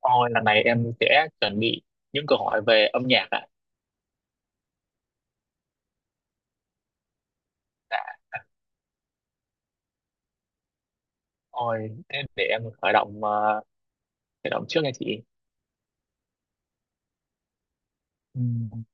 Ôi, lần này em sẽ chuẩn bị những câu hỏi về âm nhạc ạ. Dạ. Ôi, thế để em khởi động khởi động trước nha chị. Ừm,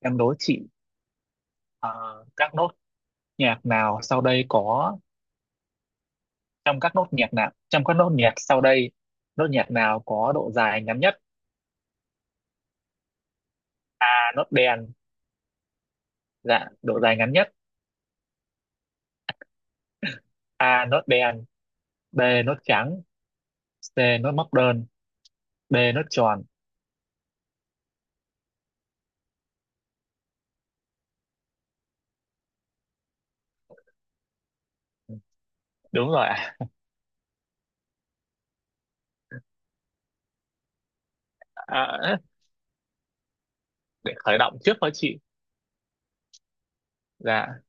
em đố chị ờ, các nốt nhạc nào sau đây có các nốt nhạc sau đây nốt nhạc nào có độ dài ngắn nhất? A nốt đen, dạ độ dài ngắn nhất. A nốt đen, B nốt trắng, C nốt móc đơn, D nốt tròn. Đúng rồi ạ. À, để khởi động trước thôi chị. Dạ,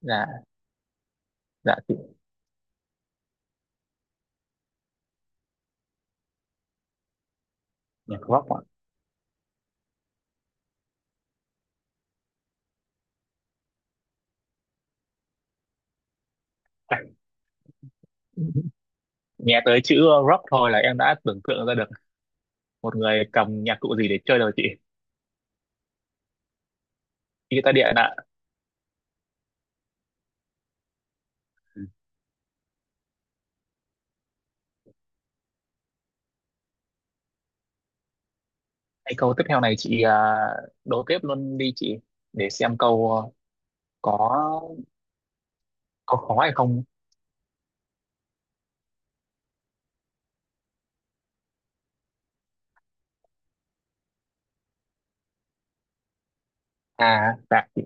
dạ, dạ chị. Nhạc rock ạ. Nghe tới chữ rock thôi là em đã tưởng tượng ra được một người cầm nhạc cụ gì để chơi rồi chị, guitar điện ạ. Hay câu tiếp theo này chị à, đố tiếp luôn đi chị để xem câu có có khó hay không. À, dạ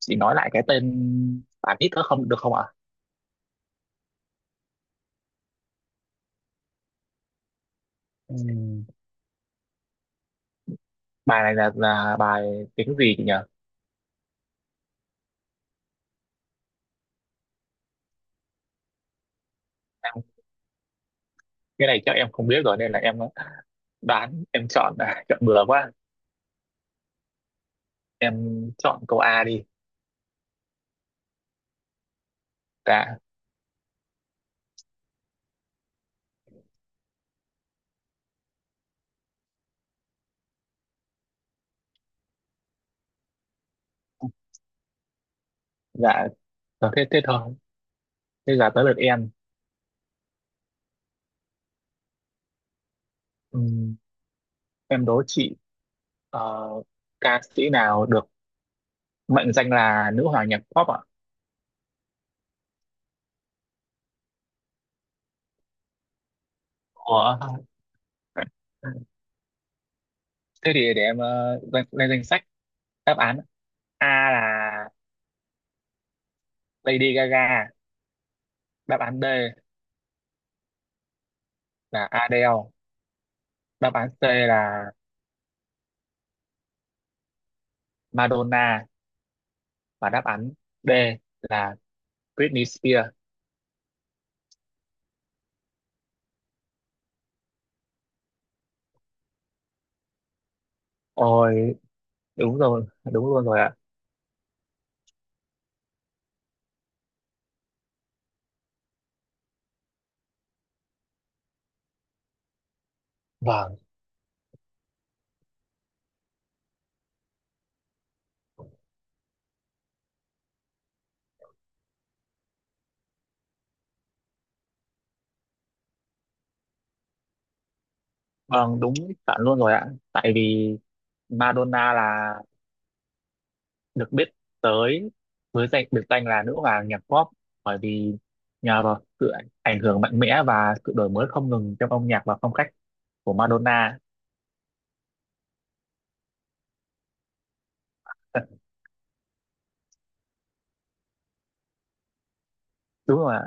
chị nói lại cái tên bài hit nữa không được không ạ? Ừm, bài này là bài tiếng gì chị nhỉ? Em, cái này chắc em không biết rồi nên là em đoán em chọn, chọn bừa quá, em chọn câu A đi. Dạ. Dạ, thế thế thôi, thế giờ tới lượt em. Ừm, em đố chị ờ, ca sĩ nào được mệnh danh là nữ hoàng nhạc pop ạ? Ủa? Thế thì để em lên danh sách đáp án. A là Lady Gaga, đáp án B là Adele, đáp án C là Madonna và đáp án D là Britney Spears. Ôi, đúng rồi, đúng luôn rồi ạ. Vâng. Vâng, đúng, chuẩn luôn rồi ạ. Tại vì Madonna là được biết tới với biệt danh là nữ hoàng nhạc pop, bởi vì nhờ vào sự ảnh ảnh hưởng mạnh mẽ và sự đổi mới không ngừng trong âm nhạc và phong cách của Madonna. Đúng rồi ạ.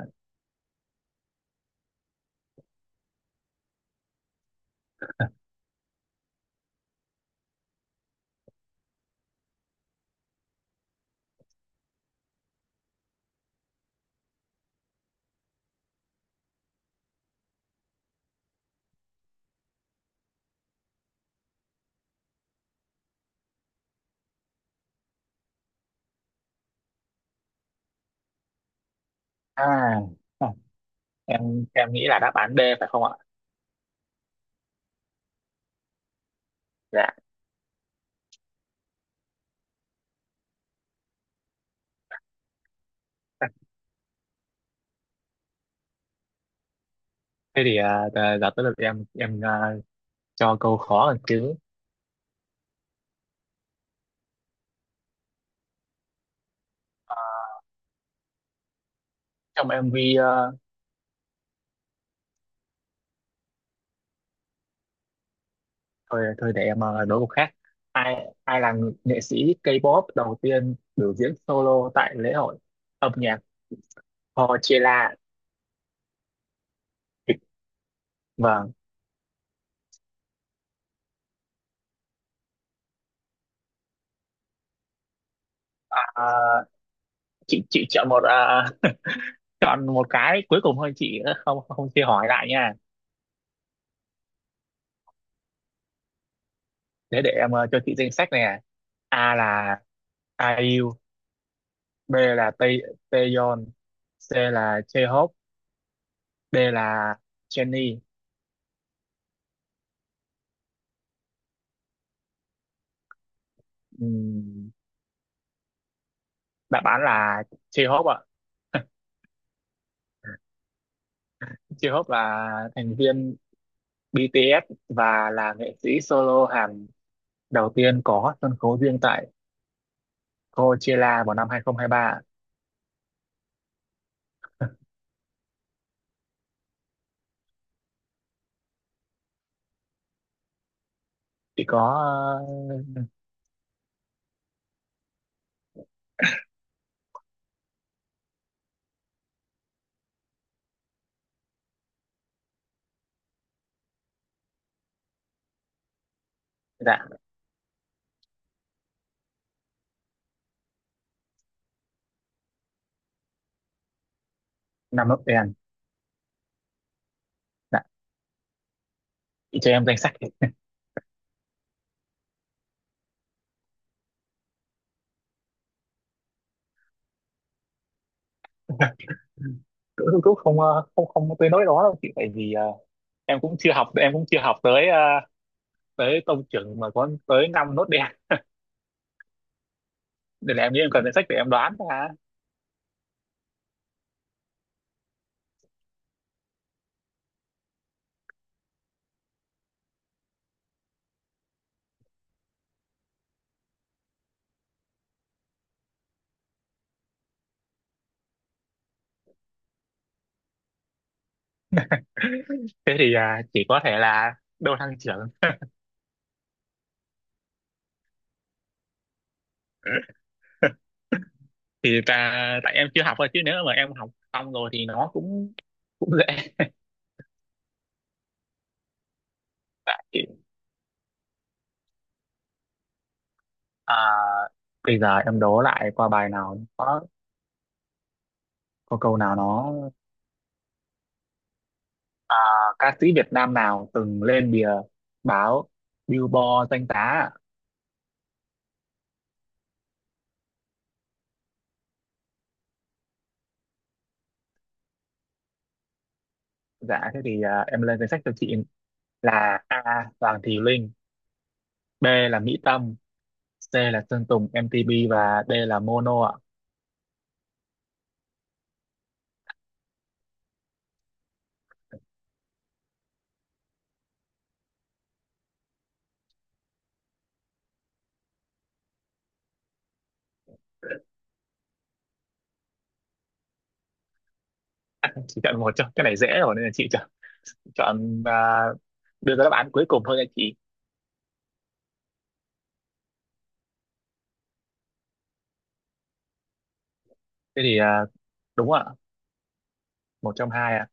À, à, em nghĩ là đáp án D phải không ạ? Dạ. Thế thì à, giờ giờ tới lượt em à, cho câu khó hơn chứ. À, trong MV ờ, thôi thôi để em đố câu khác. Ai ai là nghệ sĩ K-pop đầu tiên biểu diễn solo tại lễ hội âm nhạc Coachella? Vâng. À, chị chọn một à, chọn một cái cuối cùng thôi chị, không không chia hỏi lại nha. Thế để em cho chị danh sách nè. A là IU, B là Taeyeon, C là J-Hope, D là Jennie. Ừm, đáp án là J-Hope ạ. J-Hope là thành viên BTS và là nghệ sĩ solo Hàn đầu tiên có sân khấu riêng tại Coachella vào năm hai không hai ba. Chị có ờ, dạ năm lớp đen. Dạ chị cho em danh sách thì cũng cũng cũng không không không có tới nỗi đó đâu chị, tại vì em cũng chưa học tới tới tông trưởng mà có tới năm nốt đen, nên là em nghĩ em cần danh sách để em đoán ra. Thế thì chỉ có thể là đô thăng trưởng. Thì ta, tại em chưa học thôi chứ nếu mà em học xong rồi thì nó cũng cũng dễ. Tại à, bây giờ em đố lại qua bài nào có câu nào nó à, ca sĩ Việt Nam nào từng lên bìa báo Billboard danh giá ạ? Dạ thế thì à, em lên danh sách cho chị là A Hoàng Thùy Linh, B là Mỹ Tâm, C là Sơn Tùng MTP và D là Mono ạ. Chỉ chọn một cho cái này dễ rồi nên là chị chọn, chọn à, đưa ra đáp án cuối cùng thôi nha chị. Thế thì à, đúng ạ. Một trong hai ạ.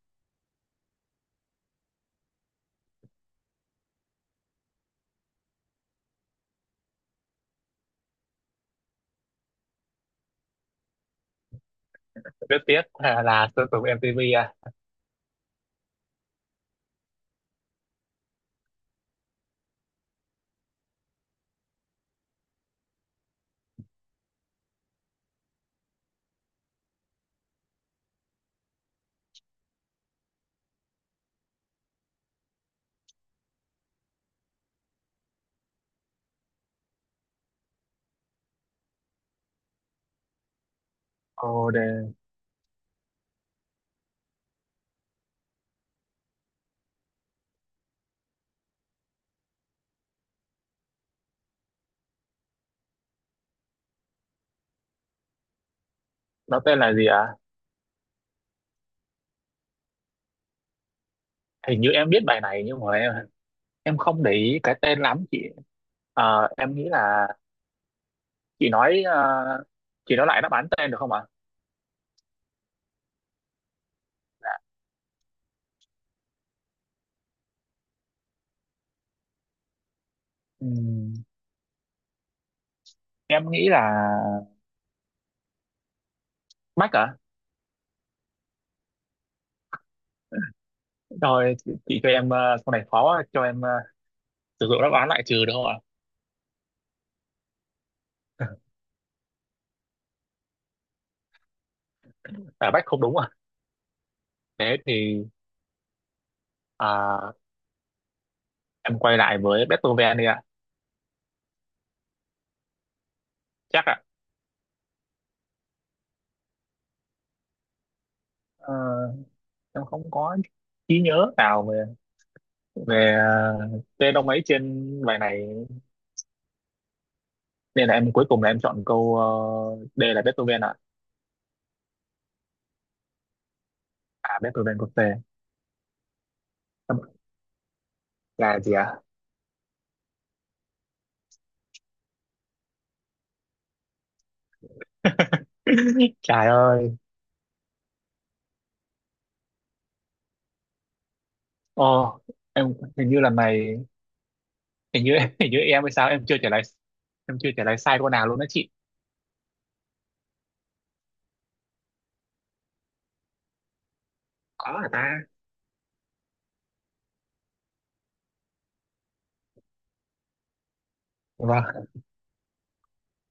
Rất tiếc là Sơn Tùng MTP ạ. Ồ, đề... nó tên là gì ạ? Hình như em biết bài này nhưng mà em không để ý cái tên lắm chị. Ờ, em nghĩ là chị nói chị nói lại đáp án tên được không ạ? Ừm, em nghĩ là Mac à. Rồi chị cho em sau này khó quá, cho em sử dụng đáp án lại trừ được không ạ? À, Mac không đúng à. Thế thì à, em quay lại với Beethoven đi ạ. Chắc ạ. Ờ, em không có trí nhớ nào về về tên ông ấy trên bài này, nên là em cuối cùng là em chọn câu D là Beethoven ạ. À Beethoven có C là gì ạ? Trời ơi. Ô, em hình như là mày, hình như hình như em hay sao, em chưa trả lời sai câu nào luôn đó chị. Có hả ta. Vâng.